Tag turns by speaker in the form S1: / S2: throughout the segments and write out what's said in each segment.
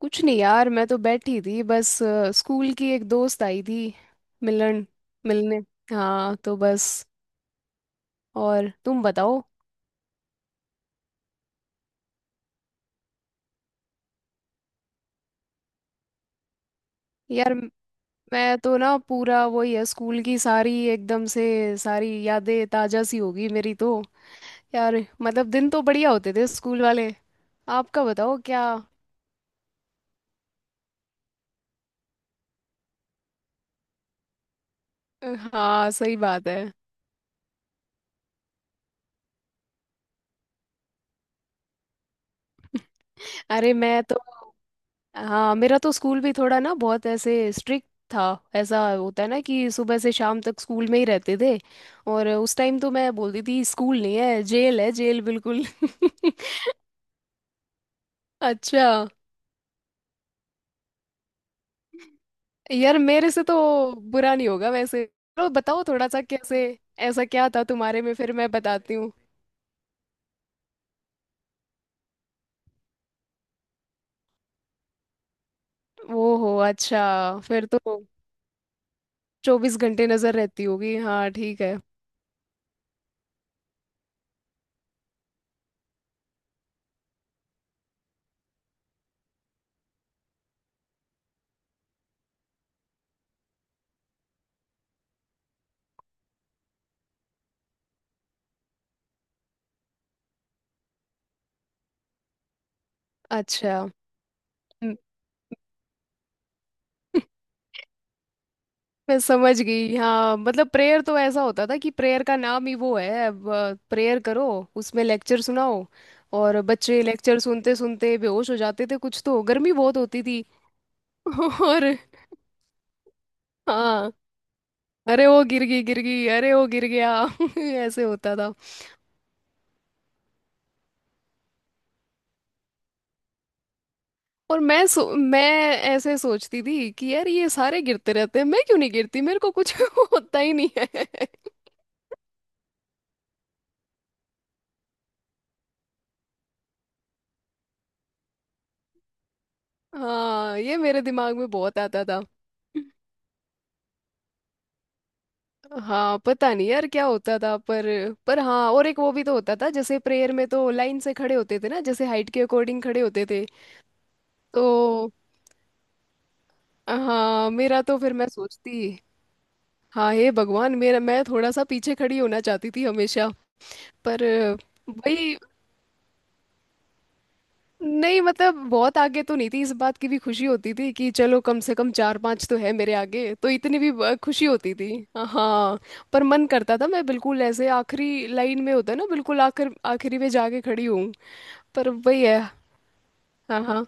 S1: कुछ नहीं यार। मैं तो बैठी थी बस स्कूल की एक दोस्त आई थी मिलन मिलने। हाँ तो बस। और तुम बताओ। यार मैं तो ना पूरा वही है, स्कूल की सारी एकदम से सारी यादें ताजा सी होगी मेरी तो। यार मतलब दिन तो बढ़िया होते थे स्कूल वाले। आपका बताओ क्या। अ, हाँ सही बात है। अरे मैं तो। हाँ मेरा तो स्कूल भी थोड़ा ना बहुत ऐसे स्ट्रिक्ट था। ऐसा होता है ना कि सुबह से शाम तक स्कूल में ही रहते थे। और उस टाइम तो मैं बोलती थी स्कूल नहीं है जेल है जेल बिल्कुल। अच्छा। यार मेरे से तो बुरा नहीं होगा वैसे। चलो बताओ थोड़ा सा कैसे। ऐसा क्या था तुम्हारे में, फिर मैं बताती हूँ। ओहो अच्छा। फिर तो 24 घंटे नजर रहती होगी, हाँ ठीक है। अच्छा। मैं समझ गई। हाँ मतलब प्रेयर तो ऐसा होता था कि प्रेयर का नाम ही वो है, प्रेयर करो, उसमें लेक्चर सुनाओ। और बच्चे लेक्चर सुनते सुनते बेहोश हो जाते थे, कुछ तो गर्मी बहुत होती थी। और हाँ। अरे वो गिर गई गिर गई, अरे वो गिर गया ऐसे होता था। और मैं मैं ऐसे सोचती थी कि यार ये सारे गिरते रहते हैं, मैं क्यों नहीं गिरती, मेरे को कुछ होता ही नहीं है। हाँ ये मेरे दिमाग में बहुत आता था। हाँ पता नहीं यार क्या होता था। पर हाँ, और एक वो भी तो होता था जैसे प्रेयर में तो लाइन से खड़े होते थे ना, जैसे हाइट के अकॉर्डिंग खड़े होते थे। तो हाँ मेरा तो फिर मैं सोचती। हाँ हे भगवान, मेरा मैं थोड़ा सा पीछे खड़ी होना चाहती थी हमेशा। पर वही। नहीं मतलब बहुत आगे तो नहीं थी, इस बात की भी खुशी होती थी कि चलो कम से कम चार पांच तो है मेरे आगे, तो इतनी भी खुशी होती थी। हाँ। पर मन करता था मैं बिल्कुल ऐसे आखिरी लाइन में होता है ना, बिल्कुल आखिर आखिरी में जाके खड़ी हूँ। पर वही है। हाँ हाँ।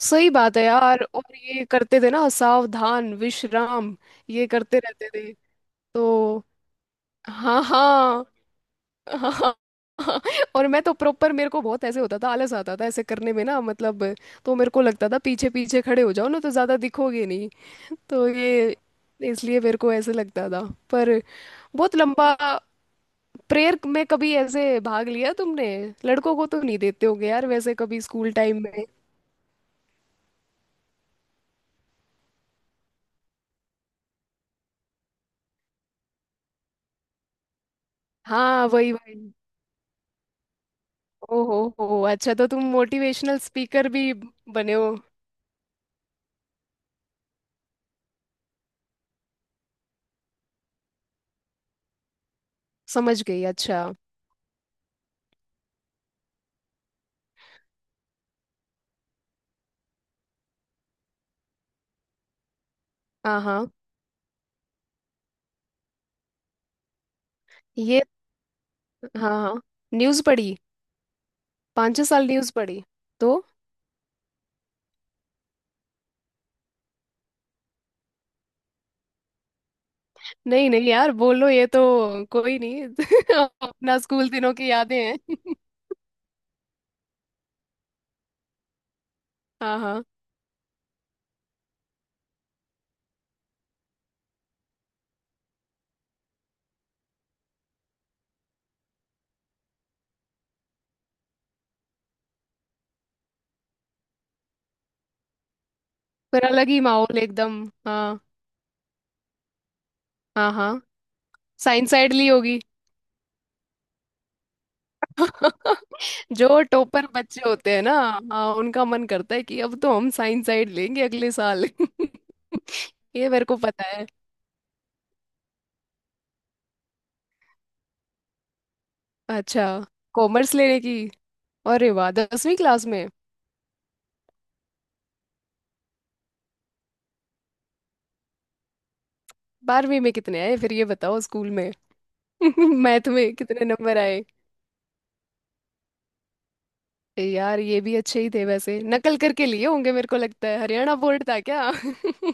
S1: सही बात है यार। और ये करते थे ना सावधान विश्राम, ये करते रहते थे। तो हाँ हाँ। हाँ हाँ, और मैं तो प्रॉपर, मेरे को बहुत ऐसे होता था, आलस आता था ऐसे करने में ना मतलब। तो मेरे को लगता था पीछे पीछे खड़े हो जाओ ना, तो ज़्यादा दिखोगे नहीं। तो ये इसलिए मेरे को ऐसे लगता था। पर बहुत लंबा प्रेयर में कभी ऐसे भाग लिया तुमने? लड़कों को तो नहीं देते होगे यार वैसे कभी स्कूल टाइम में। हाँ वही वही। ओ हो अच्छा, तो तुम मोटिवेशनल स्पीकर भी बने हो। समझ गई, अच्छा। हाँ हाँ ये। हाँ हाँ, न्यूज़ पढ़ी? 5-6 साल न्यूज़ पढ़ी? तो नहीं नहीं यार बोलो ये तो, कोई नहीं। अपना स्कूल दिनों की यादें हैं। हाँ हाँ। फिर अलग ही माहौल एकदम, हाँ। हाँ हाँ, साइंस साइड ली होगी। जो टॉपर बच्चे होते हैं ना। हाँ, उनका मन करता है कि अब तो हम साइंस साइड लेंगे अगले साल। ये मेरे को पता है। अच्छा, कॉमर्स लेने की। अरे वाह, 10वीं क्लास में। 12वीं में कितने आए, फिर ये बताओ, स्कूल में। मैथ में कितने नंबर आए? यार ये भी अच्छे ही थे वैसे, नकल करके लिए होंगे, मेरे को लगता है हरियाणा बोर्ड था क्या।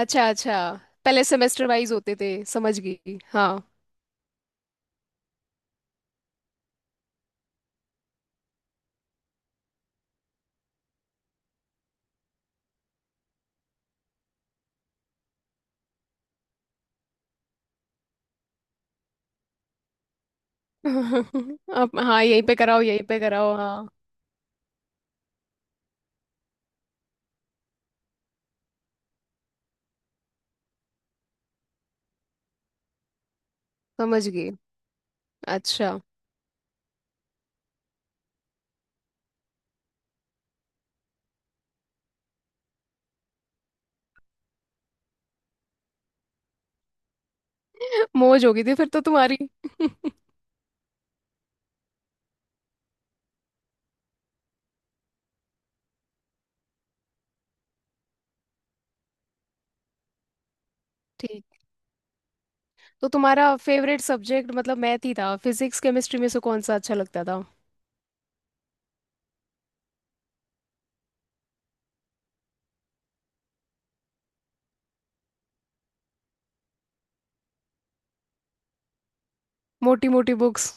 S1: अच्छा अच्छा। पहले सेमेस्टर वाइज होते थे, समझ गई हाँ। अब हाँ, यहीं पे कराओ यहीं पे कराओ, हाँ। समझ गई, अच्छा। मौज हो गई थी फिर तो तुम्हारी। ठीक। तो तुम्हारा फेवरेट सब्जेक्ट मतलब मैथ ही था? फिजिक्स केमिस्ट्री में से कौन सा अच्छा लगता था? मोटी मोटी बुक्स।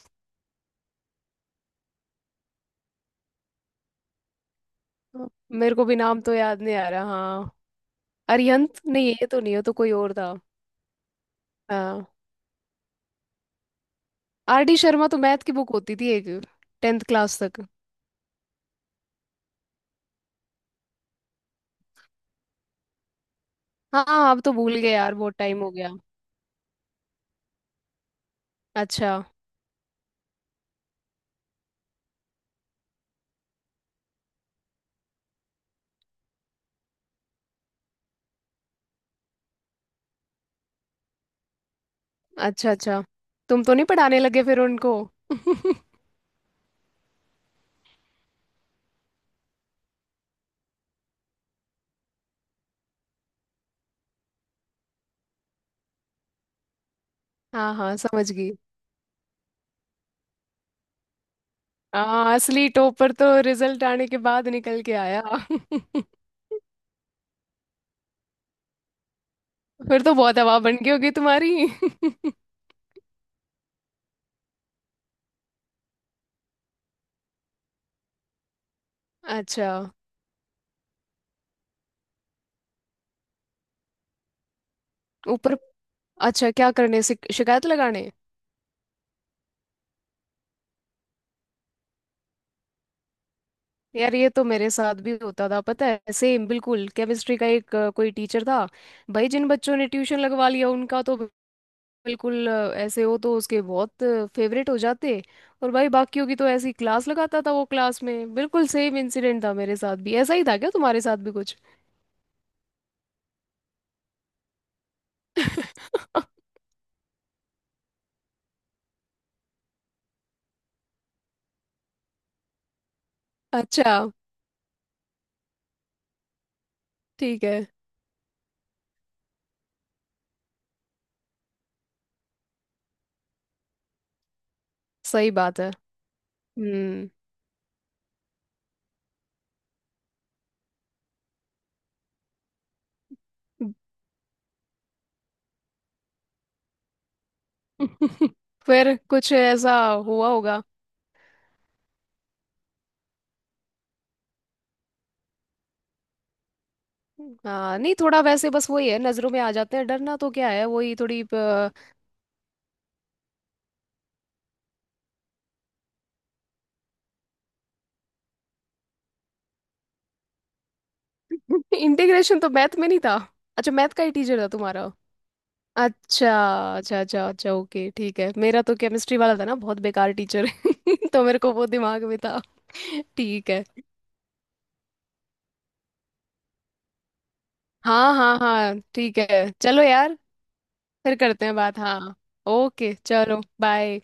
S1: मेरे को भी नाम तो याद नहीं आ रहा, हाँ। अरिहंत? नहीं ये तो नहीं हो, तो कोई और था। हाँ। आर डी शर्मा तो मैथ की बुक होती थी एक, टेंथ क्लास तक। हाँ हाँ, अब तो भूल गए यार, बहुत टाइम हो गया। अच्छा अच्छा अच्छा। तुम तो नहीं पढ़ाने लगे फिर उनको? हाँ हाँ समझ गई। हाँ, असली टॉपर तो रिजल्ट आने के बाद निकल के आया। फिर तो बहुत हवा बन गई होगी तुम्हारी। अच्छा। ऊपर? अच्छा क्या करने, शिकायत लगाने? यार ये तो मेरे साथ भी होता था पता है, सेम बिल्कुल। केमिस्ट्री का एक कोई टीचर था। भाई जिन बच्चों ने ट्यूशन लगवा लिया उनका तो बिल्कुल ऐसे हो, तो उसके बहुत फेवरेट हो जाते। और भाई बाकियों की तो ऐसी क्लास लगाता था वो क्लास में, बिल्कुल सेम इंसिडेंट था मेरे साथ भी। ऐसा ही था क्या तुम्हारे साथ भी कुछ? अच्छा। ठीक है। सही बात है। हम्म। फिर कुछ ऐसा हुआ होगा। हाँ नहीं, थोड़ा वैसे बस वही है, नजरों में आ जाते हैं, डरना तो क्या है वही थोड़ी। इंटीग्रेशन तो मैथ में नहीं था? अच्छा, मैथ का ही टीचर था तुम्हारा। अच्छा अच्छा अच्छा अच्छा ओके, ठीक है। मेरा तो केमिस्ट्री वाला था ना बहुत बेकार टीचर है तो मेरे को वो दिमाग में था। ठीक है, हाँ हाँ हाँ, ठीक है चलो यार। फिर करते हैं बात, हाँ। ओके चलो बाय।